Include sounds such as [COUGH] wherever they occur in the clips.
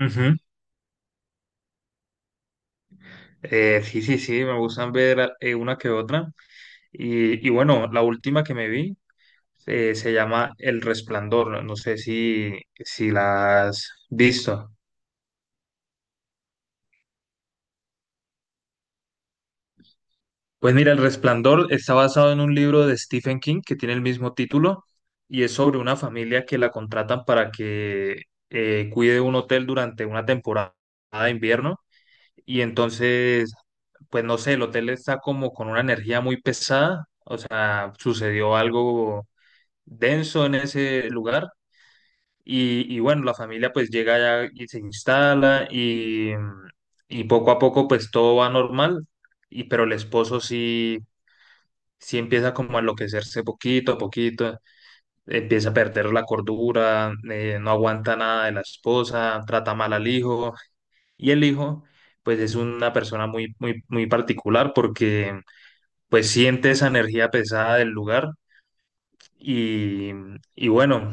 Ujú. Sí, sí, sí, me gustan ver una que otra. Y bueno, la última que me vi se llama El Resplandor. No sé si la has visto. Pues mira, El Resplandor está basado en un libro de Stephen King que tiene el mismo título y es sobre una familia que la contratan para que cuide un hotel durante una temporada de invierno. Y entonces, pues no sé, el hotel está como con una energía muy pesada. O sea, sucedió algo denso en ese lugar. Y bueno, la familia pues llega allá y se instala y poco a poco pues todo va normal. Y, pero el esposo sí empieza como a enloquecerse poquito a poquito, empieza a perder la cordura, no aguanta nada de la esposa, trata mal al hijo. Y el hijo pues es una persona muy, muy, muy particular porque pues siente esa energía pesada del lugar. Y, y bueno,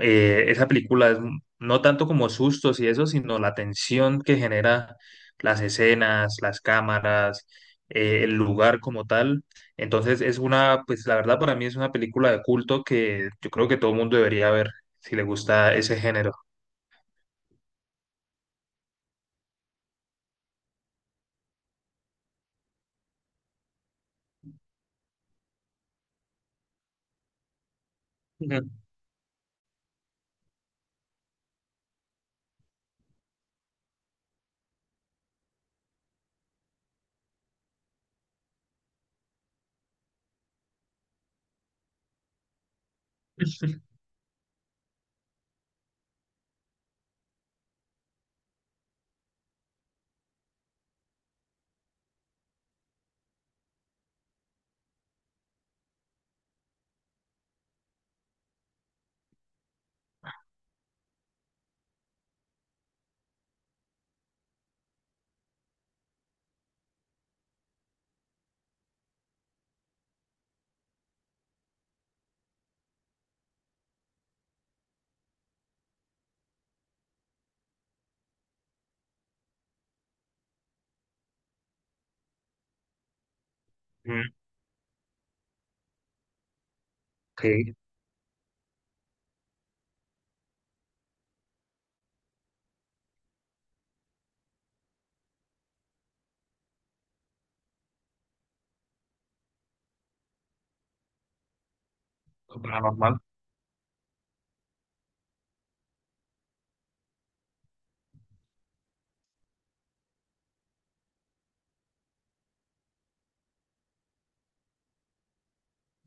esa película es no tanto como sustos y eso, sino la tensión que genera las escenas, las cámaras, el lugar como tal. Entonces es una, pues la verdad para mí es una película de culto que yo creo que todo el mundo debería ver si le gusta ese género. Ujú. [LAUGHS] Ujú. Ok, paranormal.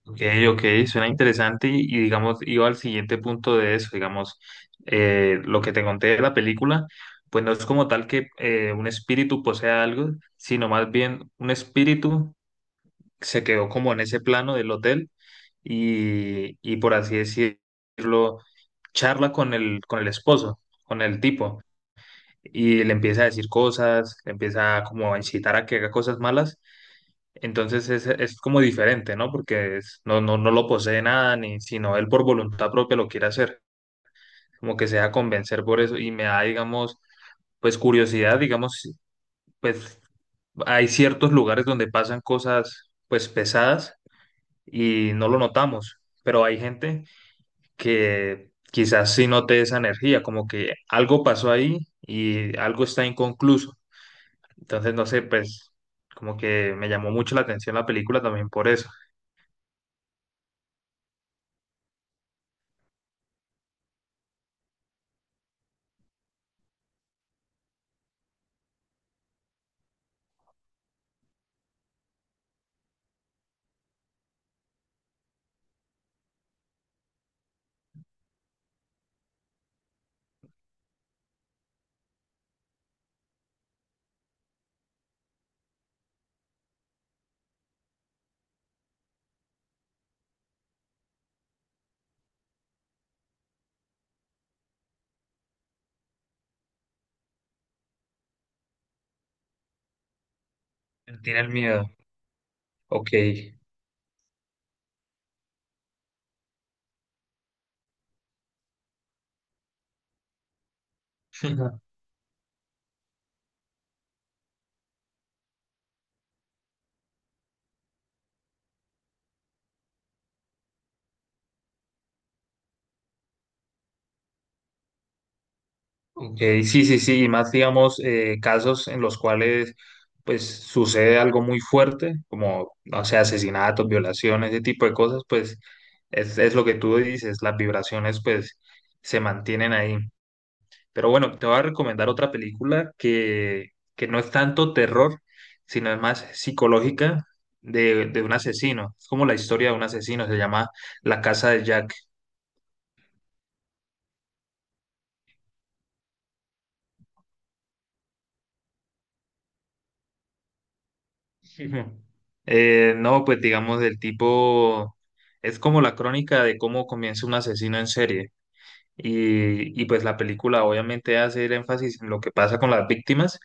Ok, ok, suena interesante y, digamos, iba al siguiente punto de eso, digamos, lo que te conté de la película, pues no es como tal que un espíritu posea algo, sino más bien un espíritu se quedó como en ese plano del hotel y por así decirlo, charla con el esposo, con el tipo, y le empieza a decir cosas, le empieza como a incitar a que haga cosas malas, entonces es como diferente, ¿no? Porque no, no, no lo posee nada, ni sino él por voluntad propia lo quiere hacer, como que se deja convencer por eso y me da, digamos, pues curiosidad, digamos, pues hay ciertos lugares donde pasan cosas pues pesadas y no lo notamos, pero hay gente que quizás sí note esa energía, como que algo pasó ahí y algo está inconcluso. Entonces, no sé, pues como que me llamó mucho la atención la película también por eso. Tiene el miedo. Ok. Ujú. Ok, sí, sí, sí, y más digamos casos en los cuales pues sucede algo muy fuerte, como, no sé, asesinatos, violaciones, ese tipo de cosas, pues es lo que tú dices, las vibraciones pues se mantienen ahí. Pero bueno, te voy a recomendar otra película que no es tanto terror, sino es más psicológica de un asesino. Es como la historia de un asesino, se llama La Casa de Jack. Ujú. No, pues digamos del tipo, es como la crónica de cómo comienza un asesino en serie. Y pues la película obviamente hace el énfasis en lo que pasa con las víctimas,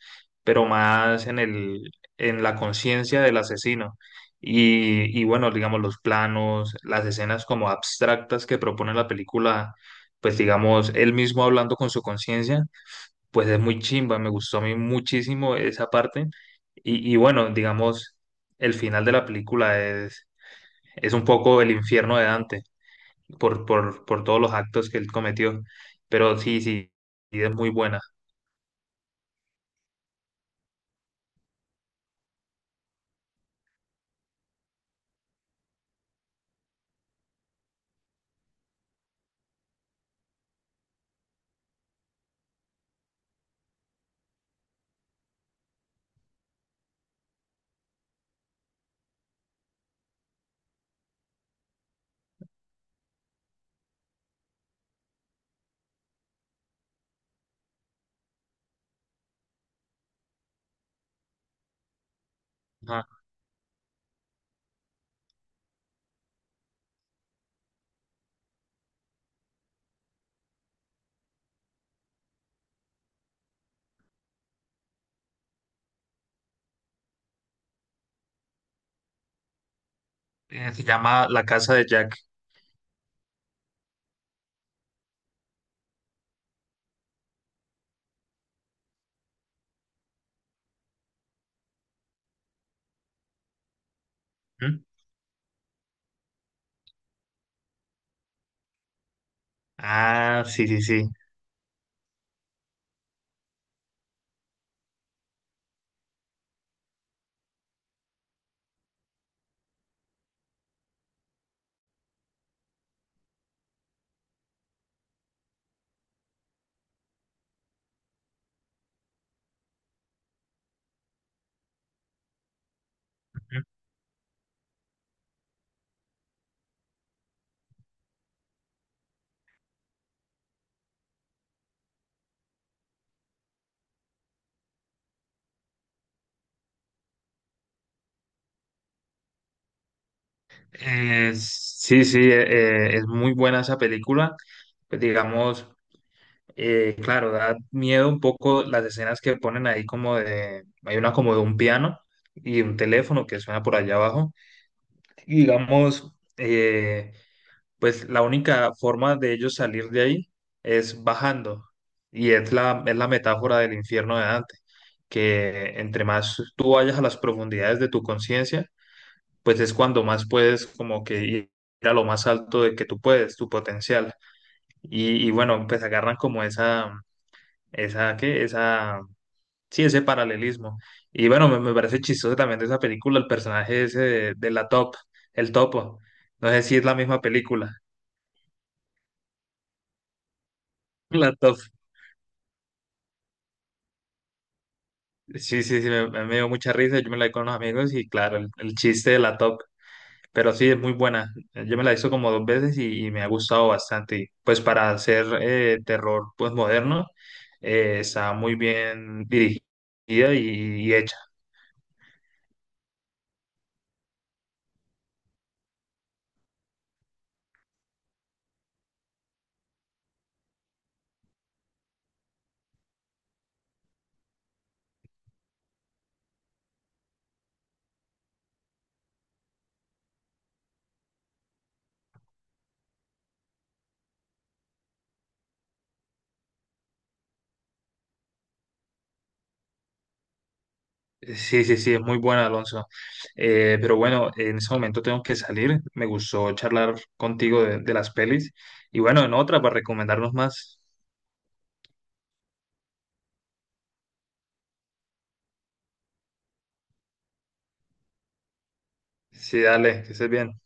pero más en el, en la conciencia del asesino. Y bueno, digamos los planos, las escenas como abstractas que propone la película, pues digamos él mismo hablando con su conciencia pues es muy chimba, me gustó a mí muchísimo esa parte. Y bueno, digamos, el final de la película es un poco el infierno de Dante por todos los actos que él cometió. Pero sí, sí, sí, es muy buena. Ajá. Se llama La Casa de Jack. ¿Mm? Ah, sí, sí, sí. Sí, sí, es muy buena esa película. Pues digamos, claro, da miedo un poco las escenas que ponen ahí como de, hay una como de un piano y un teléfono que suena por allá abajo. Y digamos, pues la única forma de ellos salir de ahí es bajando. Y es la metáfora del infierno de Dante, que entre más tú vayas a las profundidades de tu conciencia, pues es cuando más puedes como que ir a lo más alto de que tú puedes, tu potencial. Y bueno, pues agarran como esa esa, ¿qué? Esa, sí, ese paralelismo. Y bueno, me parece chistoso también de esa película el personaje ese de la Top, el Topo. No sé si es la misma película. [LAUGHS] La Top. Sí, sí, sí, me dio mucha risa. Yo me la vi con los amigos y claro, el chiste de la Top. Pero sí, es muy buena. Yo me la he visto como 2 veces y me ha gustado bastante. Y pues para hacer terror pues moderno, está muy bien dirigida y hecha. Sí, sí, sí, es muy bueno, Alonso. Pero bueno, en ese momento tengo que salir. Me gustó charlar contigo de las pelis. Y bueno, en otra para recomendarnos más. Sí, dale, que estés bien.